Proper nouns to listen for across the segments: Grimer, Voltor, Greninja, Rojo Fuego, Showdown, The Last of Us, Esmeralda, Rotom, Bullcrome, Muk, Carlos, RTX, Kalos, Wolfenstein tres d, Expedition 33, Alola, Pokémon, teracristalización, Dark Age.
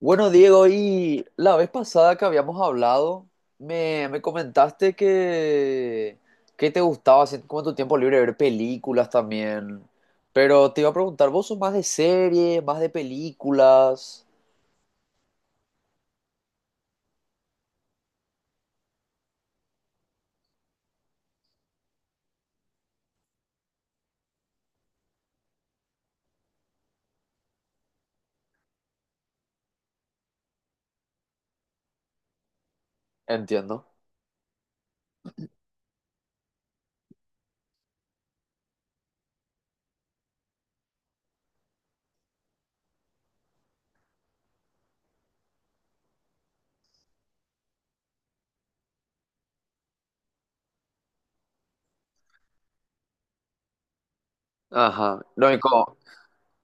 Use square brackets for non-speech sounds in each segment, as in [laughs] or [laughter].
Bueno, Diego, y la vez pasada que habíamos hablado, me comentaste que te gustaba hacer como en tu tiempo libre ver películas también. Pero te iba a preguntar, ¿vos sos más de series, más de películas? Entiendo. Ajá. Lo único.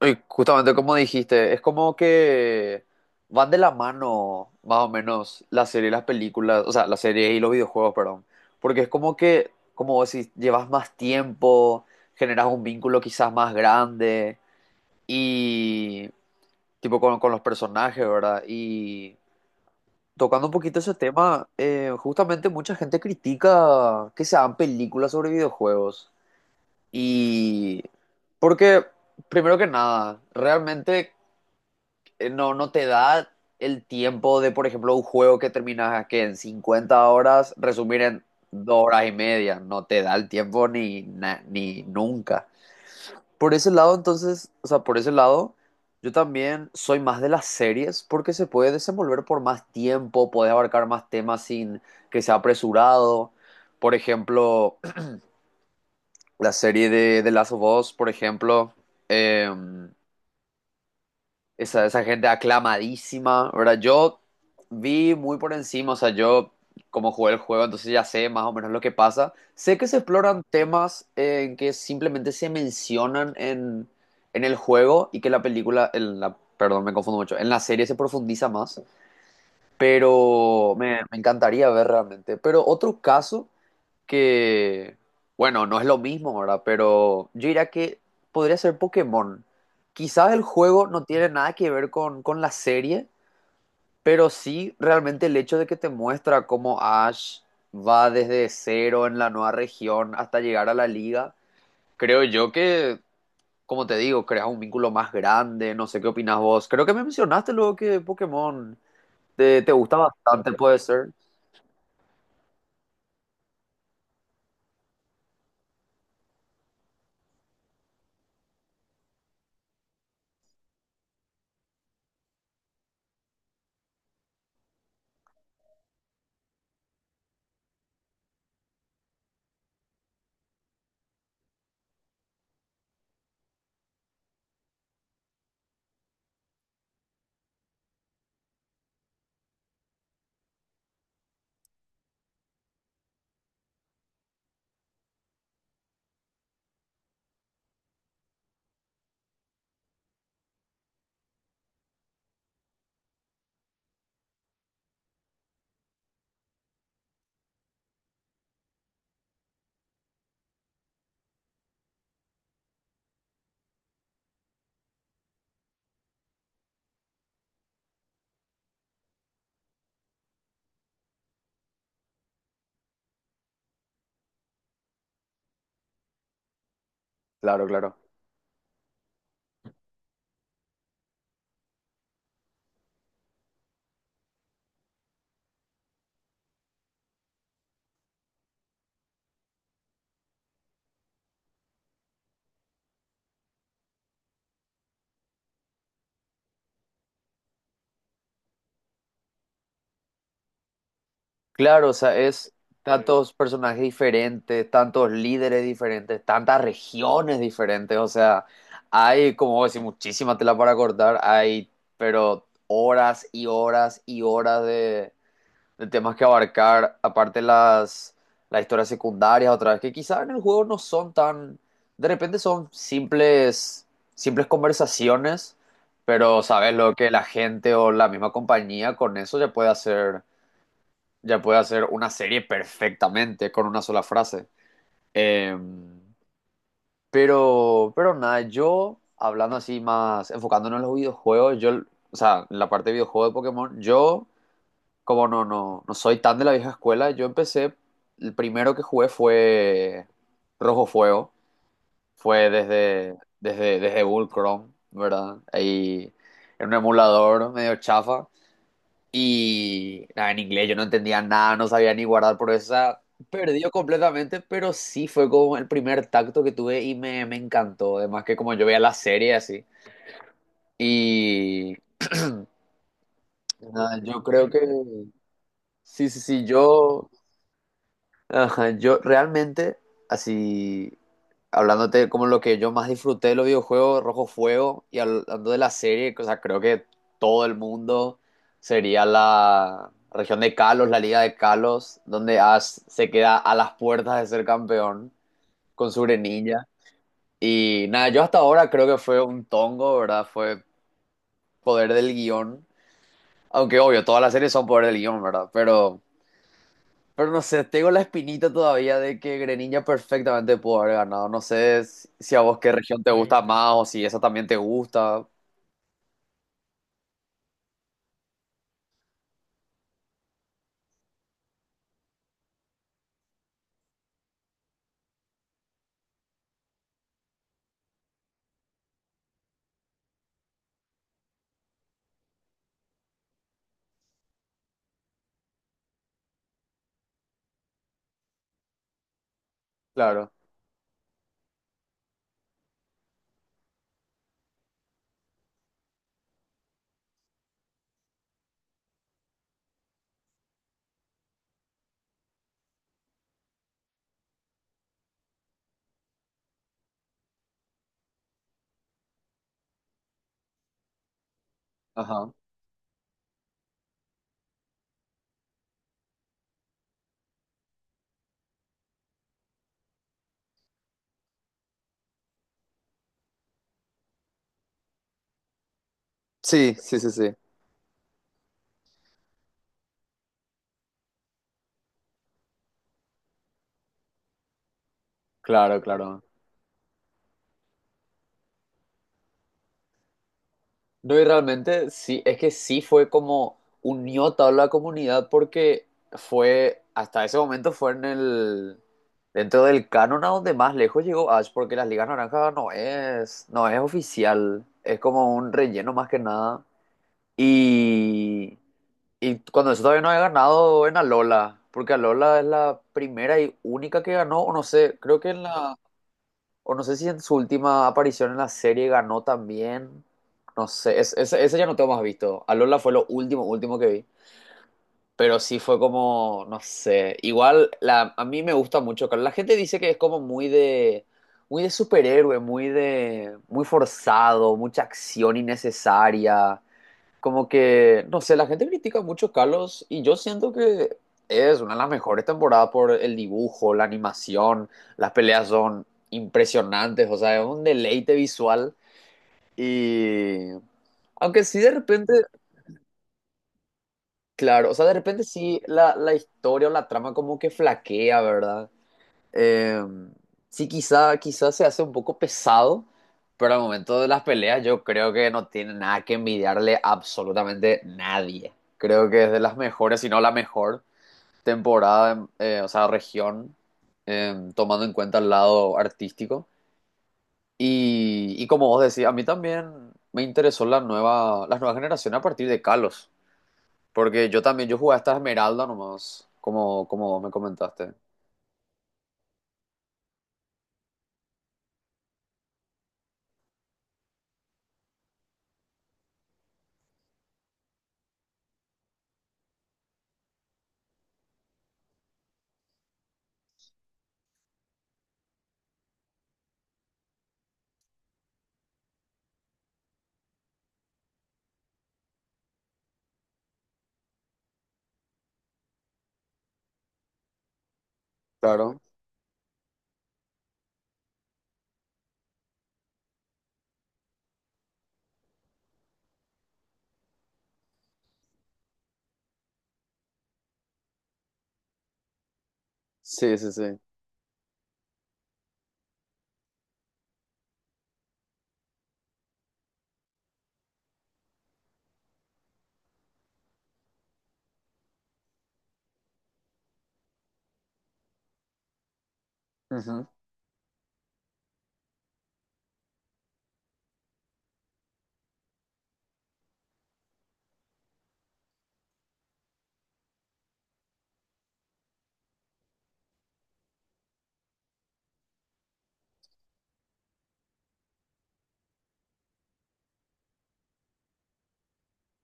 Y justamente como dijiste, es como que van de la mano, más o menos, las series y las películas, o sea, las series y los videojuegos, perdón. Porque es como que, como vos decís, llevas más tiempo, generas un vínculo quizás más grande y, tipo, con los personajes, ¿verdad? Y tocando un poquito ese tema, justamente mucha gente critica que se hagan películas sobre videojuegos. Y porque, primero que nada, realmente no te da el tiempo de, por ejemplo, un juego que terminas que en 50 horas, resumir en 2 horas y media. No te da el tiempo ni, ni nunca. Por ese lado, entonces, o sea, por ese lado, yo también soy más de las series porque se puede desenvolver por más tiempo, puedes abarcar más temas sin que sea apresurado. Por ejemplo, [clears throat] la serie de The Last of Us, por ejemplo, eh, Esa, esa gente aclamadísima, ¿verdad? Yo vi muy por encima, o sea, yo como jugué el juego, entonces ya sé más o menos lo que pasa. Sé que se exploran temas en que simplemente se mencionan en el juego y que la película, en la, perdón, me confundo mucho, en la serie se profundiza más. Pero me encantaría ver realmente. Pero otro caso que, bueno, no es lo mismo, ¿verdad? Pero yo diría que podría ser Pokémon. Quizás el juego no tiene nada que ver con la serie, pero sí realmente el hecho de que te muestra cómo Ash va desde cero en la nueva región hasta llegar a la liga. Creo yo que, como te digo, creas un vínculo más grande. No sé qué opinas vos. Creo que me mencionaste luego que Pokémon te gusta bastante, puede ser. Claro, claro. Claro, o sea, es tantos personajes diferentes, tantos líderes diferentes, tantas regiones diferentes, o sea, hay, como vos decís, muchísima tela para cortar, hay, pero horas y horas y horas de temas que abarcar, aparte las historias secundarias, otra vez, que quizás en el juego no son tan, de repente son simples, simples conversaciones, pero sabes lo que la gente o la misma compañía con eso ya puede hacer una serie perfectamente con una sola frase. Eh, pero nada, yo hablando así más, enfocándonos en los videojuegos, yo, o sea, en la parte de videojuegos de Pokémon, yo, como no soy tan de la vieja escuela, yo empecé, el primero que jugué fue Rojo Fuego, fue desde Bullcrome, ¿verdad? Ahí en un emulador medio chafa. Y nada, en inglés yo no entendía nada, no sabía ni guardar por esa. Perdió completamente, pero sí fue como el primer tacto que tuve y me encantó. Además que como yo veía la serie así. Y nada, yo creo que sí, sí, sí, yo Ajá, yo realmente, así, hablándote como lo que yo más disfruté de los videojuegos, Rojo Fuego, y hablando de la serie, o sea, creo que todo el mundo sería la región de Kalos, la liga de Kalos, donde Ash se queda a las puertas de ser campeón con su Greninja. Y nada, yo hasta ahora creo que fue un tongo, ¿verdad? Fue poder del guión. Aunque obvio, todas las series son poder del guión, ¿verdad? Pero no sé, tengo la espinita todavía de que Greninja perfectamente pudo haber ganado. No sé si a vos qué región te sí gusta sí más o si esa también te gusta. Claro, ajá. Sí, sí, sí, sí. Claro, claro. No, y realmente sí, es que sí fue como unió a toda la comunidad porque fue, hasta ese momento fue dentro del canon a donde más lejos llegó Ash, porque las Ligas Naranjas no es oficial, es como un relleno más que nada. Y... Y cuando eso todavía no he ganado en Alola, porque Alola es la primera y única que ganó, o no sé, creo que en la, o no sé si en su última aparición en la serie ganó también, no sé, ese ya no tengo más visto. Alola fue lo último, último que vi, pero sí fue como, no sé, igual la, a mí me gusta mucho, claro, la gente dice que es como muy muy de superhéroe, muy forzado, mucha acción innecesaria como que, no sé, la gente critica mucho a Carlos y yo siento que es una de las mejores temporadas por el dibujo, la animación, las peleas son impresionantes, o sea, es un deleite visual y aunque sí de repente, claro, o sea, de repente sí la historia o la trama como que flaquea, ¿verdad? Eh, sí, quizá se hace un poco pesado, pero al momento de las peleas yo creo que no tiene nada que envidiarle a absolutamente nadie. Creo que es de las mejores, si no la mejor temporada, o sea, región, tomando en cuenta el lado artístico. Y como vos decís, a mí también me interesó la nueva, las nuevas generaciones a partir de Kalos, porque yo también, yo jugué hasta Esmeralda nomás, como, como vos me comentaste. Claro. Sí, sí, sí. Ujú.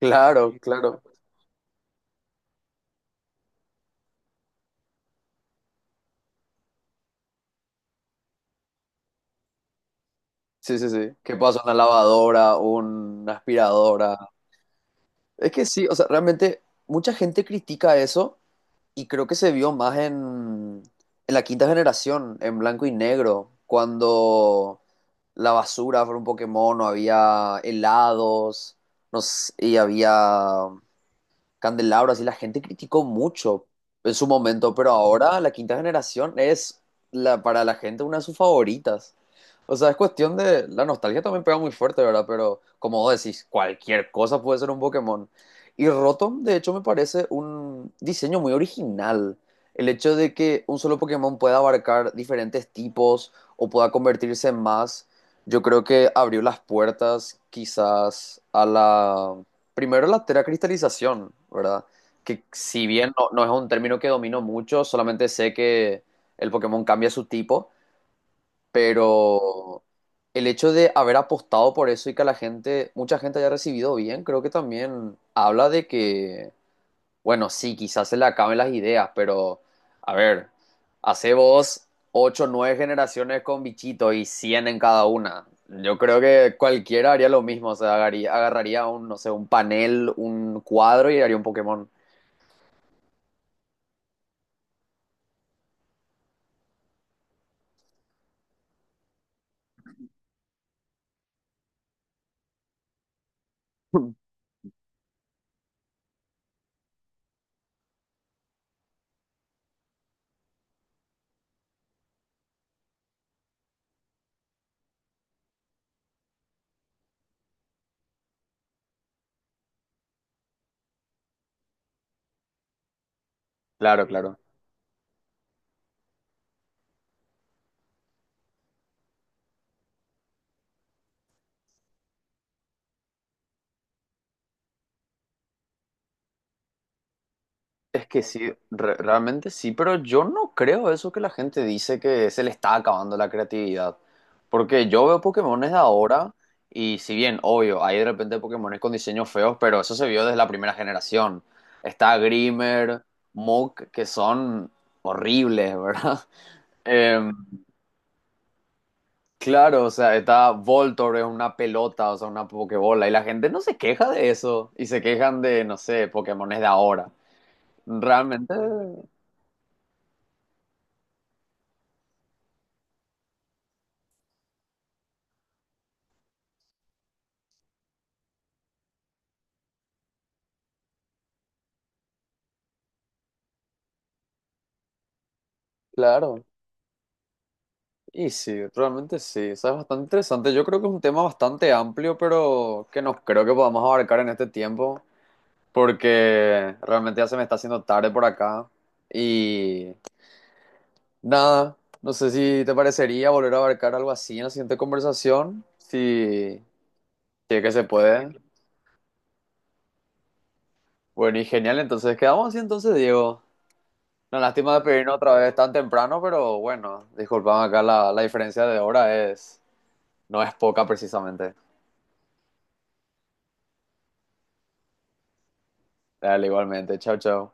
Claro, claro. Sí, sí, sí. ¿Qué pasa? Una lavadora, una aspiradora. Es que sí, o sea, realmente mucha gente critica eso y creo que se vio más en la quinta generación, en blanco y negro, cuando la basura fue un Pokémon, o había helados, no sé, y había Candelabro, así la gente criticó mucho en su momento, pero ahora la quinta generación es la, para la gente una de sus favoritas. O sea, es cuestión de. La nostalgia también pega muy fuerte, ¿verdad? Pero como vos decís, cualquier cosa puede ser un Pokémon. Y Rotom, de hecho, me parece un diseño muy original. El hecho de que un solo Pokémon pueda abarcar diferentes tipos o pueda convertirse en más, yo creo que abrió las puertas quizás a la, primero la teracristalización, ¿verdad? Que si bien no es un término que domino mucho, solamente sé que el Pokémon cambia su tipo, pero el hecho de haber apostado por eso y que la gente, mucha gente haya recibido bien, creo que también habla de que bueno, sí, quizás se le acaben las ideas, pero a ver, hace vos 8, 9 generaciones con bichito y 100 en cada una. Yo creo que cualquiera haría lo mismo, o sea, agarraría un, no sé, un panel, un cuadro y haría un Pokémon. [laughs] Claro, claro. Es que sí, realmente sí, pero yo no creo eso que la gente dice que se le está acabando la creatividad. Porque yo veo Pokémones de ahora y si bien, obvio, hay de repente Pokémones con diseños feos, pero eso se vio desde la primera generación. Está Grimer, Muk, que son horribles, ¿verdad? [laughs] Eh, claro, o sea, está Voltor, es una pelota, o sea, una Pokébola, y la gente no se queja de eso, y se quejan de, no sé, Pokémones de ahora. Realmente, claro. Y sí, realmente sí, o sea, es bastante interesante. Yo creo que es un tema bastante amplio, pero que no creo que podamos abarcar en este tiempo, porque realmente ya se me está haciendo tarde por acá. Y nada, no sé si te parecería volver a abarcar algo así en la siguiente conversación, si, si es que se puede. Bueno, y genial, entonces quedamos así entonces, Diego. La lástima de pedirnos otra vez tan temprano, pero bueno, disculpame acá la, la diferencia de hora es, no es poca precisamente. Dale, igualmente, chao, chao.